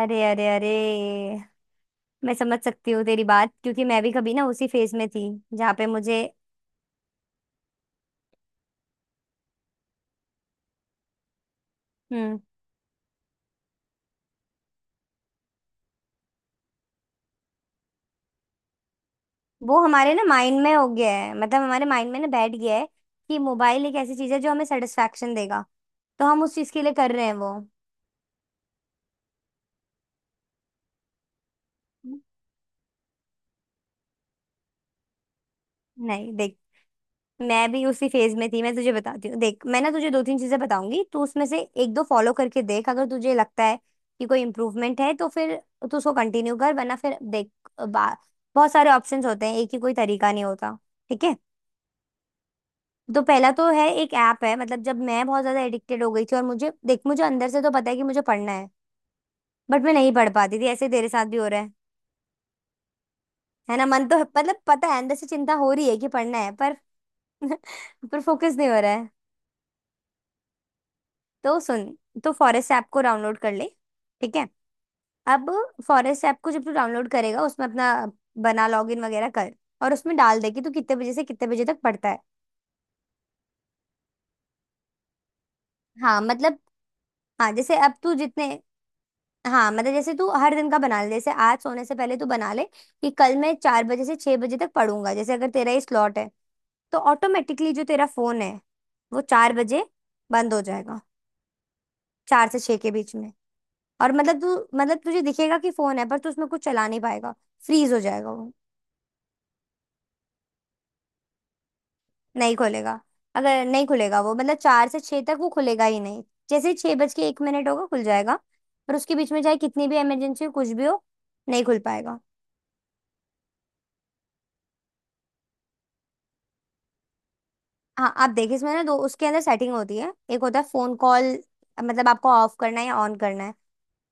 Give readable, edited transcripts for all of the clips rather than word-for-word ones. अरे अरे अरे। मैं समझ सकती हूँ तेरी बात, क्योंकि मैं भी कभी ना उसी फेज में थी जहाँ पे मुझे हम्म वो हमारे ना माइंड में हो गया है। मतलब हमारे माइंड में ना बैठ गया है कि मोबाइल एक ऐसी चीज है जो हमें सेटिस्फेक्शन देगा, तो हम उस चीज के लिए कर रहे हैं वो। नहीं देख, मैं भी उसी फेज में थी। मैं तुझे बताती हूँ, देख मैं ना तुझे दो तीन चीजें बताऊंगी, तू उसमें से एक दो फॉलो करके देख। अगर तुझे लगता है कि कोई इम्प्रूवमेंट है तो फिर तू उसको कंटिन्यू कर, वरना फिर देख। बा, बहुत सारे ऑप्शंस होते हैं, एक ही कोई तरीका नहीं होता। ठीक है। तो पहला तो है एक ऐप है। मतलब जब मैं बहुत ज्यादा एडिक्टेड हो गई थी और मुझे देख मुझे अंदर से तो पता है कि मुझे पढ़ना है, बट मैं नहीं पढ़ पाती थी। ऐसे तेरे साथ भी हो रहा है ना, मन तो मतलब पता है, अंदर से चिंता हो रही है कि पढ़ना है, पर पर फोकस नहीं हो रहा है। तो सुन, तो फॉरेस्ट ऐप को डाउनलोड कर ले। ठीक है। अब फॉरेस्ट ऐप को जब तू डाउनलोड करेगा उसमें अपना बना, लॉगिन वगैरह कर। और उसमें डाल दे कि तू कितने बजे से कितने बजे तक पढ़ता है। हाँ मतलब, हाँ जैसे अब तू जितने हाँ मतलब जैसे तू हर दिन का बना ले, जैसे आज सोने से पहले तू बना ले कि कल मैं चार बजे से छह बजे तक पढ़ूंगा। जैसे अगर तेरा ये स्लॉट है तो ऑटोमेटिकली जो तेरा फोन है वो चार बजे बंद हो जाएगा, चार से छह के बीच में। और मतलब तू मतलब तुझे दिखेगा कि फोन है पर तू उसमें कुछ चला नहीं पाएगा, फ्रीज हो जाएगा वो। नहीं खुलेगा, अगर नहीं खुलेगा वो, मतलब चार से छह तक वो खुलेगा ही नहीं। जैसे ही छह बज के एक मिनट होगा खुल जाएगा। पर उसके बीच में चाहे कितनी भी इमरजेंसी हो, कुछ भी हो, नहीं खुल पाएगा। हाँ आप देखिए, इसमें ना दो उसके अंदर सेटिंग होती है। एक होता है फोन कॉल, मतलब आपको ऑफ करना है या ऑन करना है।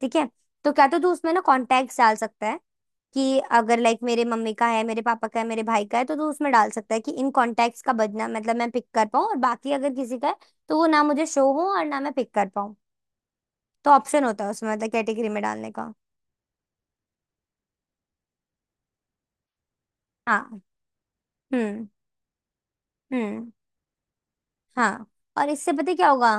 ठीक है। तो क्या तो तू उसमें ना कॉन्टैक्ट डाल सकता है कि अगर लाइक मेरे मम्मी का है, मेरे पापा का है, मेरे भाई का है तो तू उसमें डाल सकता है कि इन कॉन्टैक्ट्स का बजना, मतलब मैं पिक कर पाऊँ, और बाकी अगर किसी का है तो वो ना मुझे शो हो और ना मैं पिक कर पाऊँ। तो ऑप्शन होता है उसमें, मतलब कैटेगरी में डालने का। हाँ। हम्म। हम्म। हाँ। और इससे पता है क्या होगा,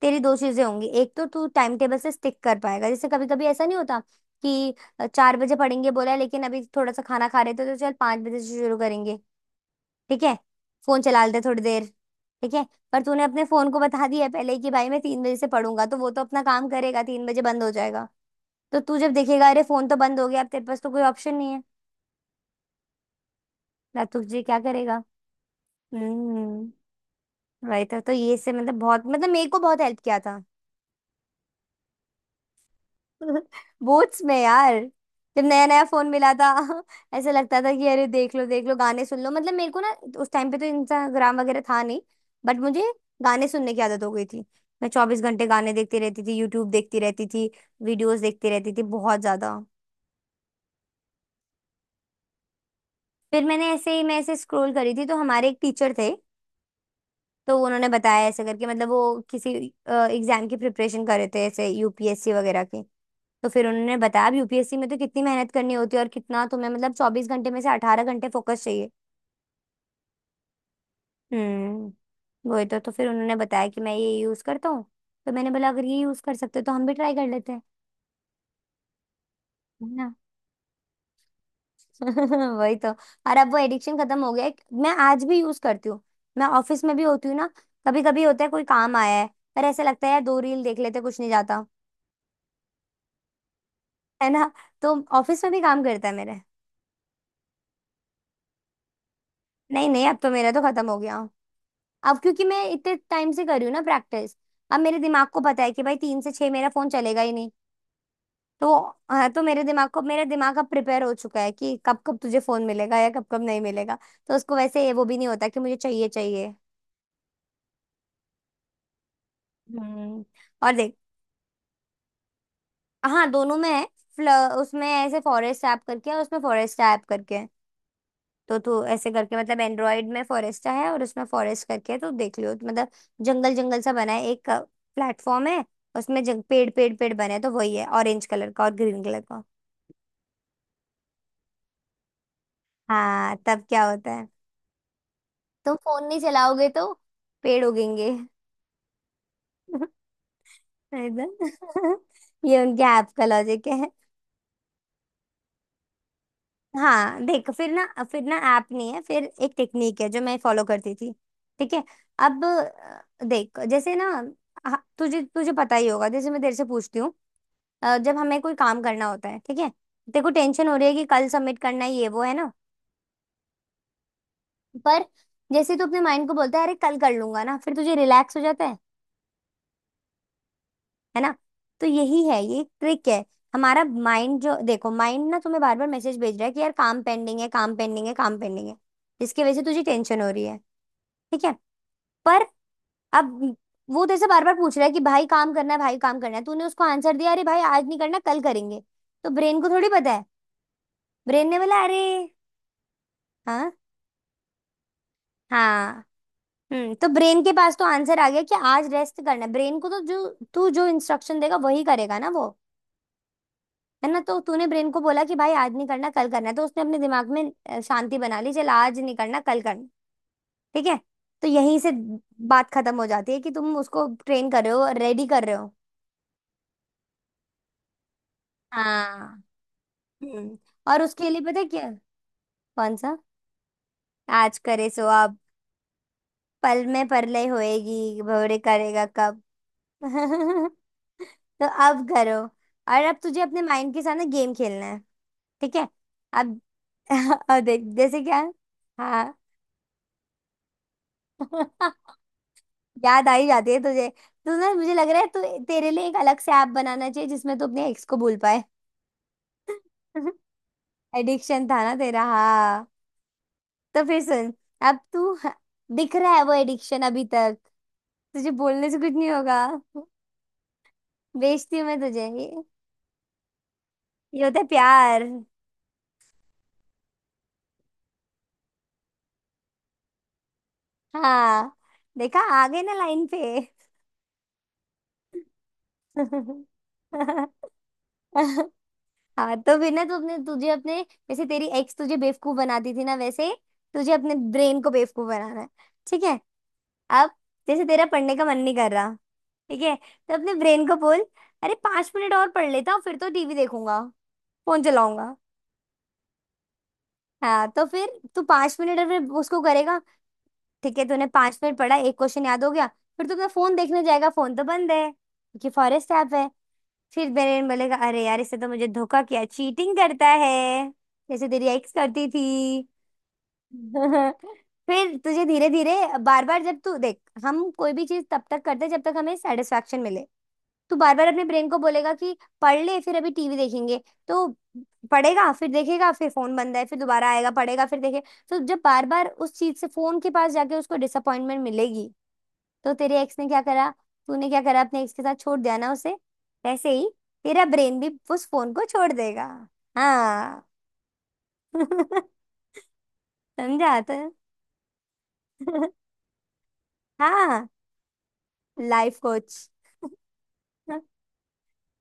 तेरी दो चीजें होंगी। एक तो तू टाइम टेबल से स्टिक कर पाएगा। जैसे कभी कभी ऐसा नहीं होता कि चार बजे पढ़ेंगे बोला है, लेकिन अभी थोड़ा सा खाना खा रहे थे तो चल पांच बजे से शुरू करेंगे, ठीक है, फोन चला लेते थोड़ी देर, ठीक है। पर तूने अपने फोन को बता दिया है पहले ही कि भाई मैं तीन बजे से पढ़ूंगा, तो वो तो अपना काम करेगा, तीन बजे बंद हो जाएगा। तो तू जब देखेगा, अरे फोन तो बंद हो गया, अब तेरे पास तो कोई ऑप्शन नहीं है ना, तुझे क्या करेगा। हम्म। राइट। तो ये से मतलब बहुत मतलब मेरे को बहुत हेल्प किया था। बूट्स में यार, जब नया नया फोन मिला था। ऐसा लगता था कि अरे देख लो गाने सुन लो, मतलब मेरे को ना उस टाइम पे तो इंस्टाग्राम वगैरह था नहीं, बट मुझे गाने सुनने की आदत हो गई थी। मैं चौबीस घंटे गाने देखती रहती थी, यूट्यूब देखती रहती थी, वीडियोस देखती रहती थी, बहुत ज्यादा। फिर मैंने ऐसे ही मैं ऐसे स्क्रॉल करी थी, तो हमारे एक टीचर थे, तो उन्होंने बताया ऐसे करके। मतलब वो किसी एग्जाम की प्रिपरेशन कर रहे थे, ऐसे यूपीएससी वगैरह की। तो फिर उन्होंने बताया, अब यूपीएससी में तो कितनी मेहनत करनी होती है, और कितना तुम्हें मतलब चौबीस घंटे में से अठारह घंटे फोकस चाहिए। हम्म, वही तो। तो फिर उन्होंने बताया कि मैं ये यूज करता हूँ। तो मैंने बोला, अगर ये यूज कर सकते हो तो हम भी ट्राई कर लेते हैं। है ना। वही तो। और अब वो एडिक्शन खत्म हो गया है, मैं आज भी यूज करती हूँ। मैं ऑफिस में भी होती हूँ ना, कभी कभी होता है कोई काम आया है, पर ऐसे लगता है यार दो रील देख लेते कुछ नहीं जाता, है ना। तो ऑफिस में भी काम करता है मेरे। नहीं नहीं, अब तो मेरा तो खत्म हो गया। अब क्योंकि मैं इतने टाइम से कर रही हूँ ना प्रैक्टिस, अब मेरे दिमाग को पता है कि भाई तीन से छह मेरा फोन चलेगा ही नहीं। तो हाँ, तो मेरे दिमाग को मेरा दिमाग अब प्रिपेयर हो चुका है कि कब कब तुझे फोन मिलेगा या कब कब नहीं मिलेगा। तो उसको वैसे ये वो भी नहीं होता कि मुझे चाहिए चाहिए। हम्म। और देख, हाँ दोनों में है। फ्ल- उसमें ऐसे फॉरेस्ट ऐप करके है और उसमें फॉरेस्ट ऐप करके है। तो तू ऐसे करके, मतलब एंड्रॉयड में फॉरेस्टा है और उसमें फॉरेस्ट करके है, तो देख लियो तो मतलब जंगल जंगल सा बना है, एक प्लेटफॉर्म है। उसमें पेड़ पेड़ पेड़ बने हैं, तो वही है, ऑरेंज कलर का और ग्रीन कलर का। हाँ तब क्या होता है, तुम फोन नहीं चलाओगे तो पेड़ उगेंगे। एकदम। ये उनके ऐप का लॉजिक है। हाँ देख, फिर ना ऐप नहीं है, फिर एक टेक्निक है जो मैं फॉलो करती थी। ठीक है। अब देख जैसे ना, हाँ तुझे तुझे पता ही होगा, जैसे मैं तेरे से पूछती हूँ, जब हमें कोई काम करना होता है, ठीक है, तेरे को टेंशन हो रही है कि कल सबमिट करना है, ये वो है ना। पर जैसे तू अपने माइंड को बोलता है अरे कल कर लूंगा ना, फिर तुझे रिलैक्स हो जाता है ना। तो यही है, ये एक ट्रिक है। हमारा माइंड, जो देखो माइंड ना तुम्हें बार बार मैसेज भेज रहा है कि यार काम पेंडिंग है, काम पेंडिंग है, काम पेंडिंग है, जिसकी वजह से तुझे टेंशन हो रही है, ठीक है। पर अब वो तेरे से बार बार पूछ रहा है कि भाई काम करना है, भाई काम करना है, तूने उसको आंसर दिया अरे भाई आज नहीं करना कल करेंगे। तो ब्रेन को थोड़ी पता है, ब्रेन ने बोला अरे हाँ हाँ। हम्म। तो ब्रेन के पास तो आंसर आ गया कि आज रेस्ट करना है। ब्रेन को तो जो तू जो इंस्ट्रक्शन देगा वही करेगा ना वो, है ना। तो तूने ब्रेन को बोला कि भाई आज नहीं करना, कल करना है, तो उसने अपने दिमाग में शांति बना ली, चल आज नहीं करना कल करना, ठीक है। तो यहीं से बात खत्म हो जाती है, कि तुम उसको ट्रेन कर रहे हो, रेडी कर रहे हो। हाँ। हम्म। और उसके लिए पता है क्या, कौन सा, आज करे सो अब, पल में परलय होएगी, भवरे करेगा कब। तो अब करो। और अब तुझे अपने माइंड के साथ ना गेम खेलना है, ठीक है। अब अब देख जैसे क्या, हाँ। याद आ ही जाती है तुझे। तू ना, मुझे लग रहा है तू तेरे लिए एक अलग से ऐप बनाना चाहिए जिसमें तू अपने एक्स को भूल पाए। एडिक्शन था ना तेरा, हाँ। तो फिर सुन, अब तू दिख रहा है वो एडिक्शन अभी तक, तुझे बोलने से कुछ नहीं होगा। बेचती हूँ मैं तुझे ये होता है प्यार। हाँ देखा, आ गए ना लाइन पे। हाँ तो बिना तुमने तुझे अपने जैसे तेरी एक्स तुझे बेवकूफ बनाती थी ना, वैसे तुझे अपने ब्रेन को बेवकूफ बनाना है, ठीक है। अब जैसे तेरा पढ़ने का मन नहीं कर रहा, ठीक है, तो अपने ब्रेन को बोल अरे पांच मिनट और पढ़ लेता हूँ, फिर तो टीवी देखूंगा, फोन चलाऊंगा। हाँ, तो फिर तू पांच मिनट और फिर उसको करेगा, ठीक है, तूने पांच मिनट पढ़ा, एक क्वेश्चन याद हो गया। फिर तू अपना फोन देखने जाएगा, फोन तो बंद है क्योंकि फॉरेस्ट ऐप है। फिर बेरेन बोलेगा अरे यार इससे तो मुझे धोखा किया, चीटिंग करता है, जैसे तेरी एक्स करती थी। फिर तुझे धीरे धीरे, बार बार जब तू देख, हम कोई भी चीज तब तक करते हैं जब तक हमें सेटिस्फेक्शन मिले। तू बार बार अपने ब्रेन को बोलेगा कि पढ़ ले फिर अभी टीवी देखेंगे, तो पढ़ेगा फिर देखेगा, फिर फोन बंद है, फिर दोबारा आएगा, पढ़ेगा फिर देखेगा, तो जब बार बार उस चीज से फोन के पास जाके उसको डिसअपॉइंटमेंट मिलेगी, तो तेरे एक्स ने क्या करा, तूने क्या करा अपने एक्स के साथ, छोड़ दिया ना उसे, वैसे ही तेरा ब्रेन भी उस फोन को छोड़ देगा। हाँ। समझा तो। हाँ, लाइफ कोच,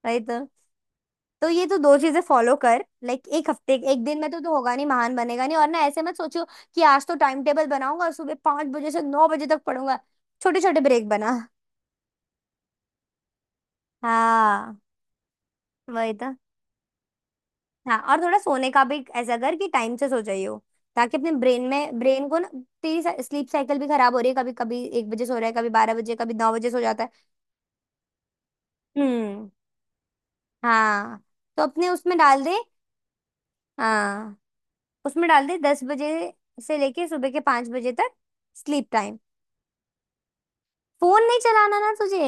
वही तो। तो ये तो दो चीजें फॉलो कर, लाइक एक हफ्ते, एक दिन में तो होगा नहीं, महान बनेगा नहीं, और ना ऐसे मत सोचो कि आज तो टाइम टेबल बनाऊंगा और सुबह पांच बजे से नौ बजे तक पढ़ूंगा। छोटे छोटे ब्रेक बना। हाँ वही तो। हाँ, और थोड़ा सोने का भी ऐसा कर कि टाइम से सो जाइयो, ताकि अपने ब्रेन में ब्रेन को ना, तेरी स्लीप साइकिल भी खराब हो रही है, कभी कभी एक बजे सो रहा है, कभी बारह बजे, कभी नौ बजे सो जाता है। हम्म। हाँ, तो अपने उसमें डाल दे। हाँ उसमें डाल दे दस बजे से लेके सुबह के पांच बजे तक, स्लीप टाइम। फोन नहीं चलाना ना तुझे,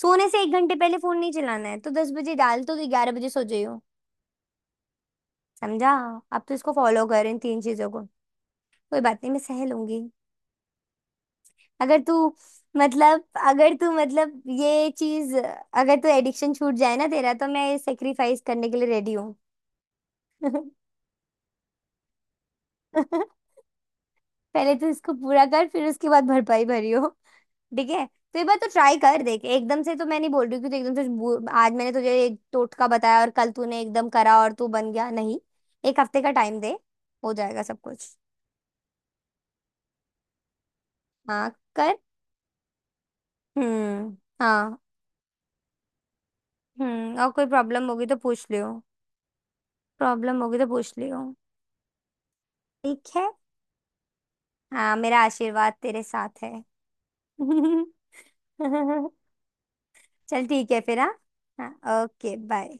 सोने से एक घंटे पहले फोन नहीं चलाना है, तो दस बजे डाल तो ग्यारह बजे सो जाइयो। समझा। अब तो इसको फॉलो कर, इन तीन चीजों को। कोई बात नहीं, मैं सह लूंगी अगर तू, मतलब अगर तू मतलब ये चीज अगर तू एडिक्शन छूट जाए ना तेरा, तो मैं सेक्रीफाइस करने के लिए रेडी हूँ। पहले तो इसको पूरा कर, फिर उसके बाद भरपाई भरियो। ठीक है। तो एक बार तो ट्राई कर देख, एकदम से तो मैं नहीं बोल रही हूँ कि तू एकदम से आज मैंने तुझे एक टोटका बताया और कल तूने एकदम करा और तू बन गया, नहीं। एक हफ्ते का टाइम दे, हो जाएगा सब कुछ। हाँ कर। हम्म। हाँ। हम्म, और कोई प्रॉब्लम होगी तो पूछ लियो, प्रॉब्लम होगी तो पूछ लियो। ठीक है, हाँ मेरा आशीर्वाद तेरे साथ है। चल ठीक है फिर, हाँ हाँ, ओके बाय।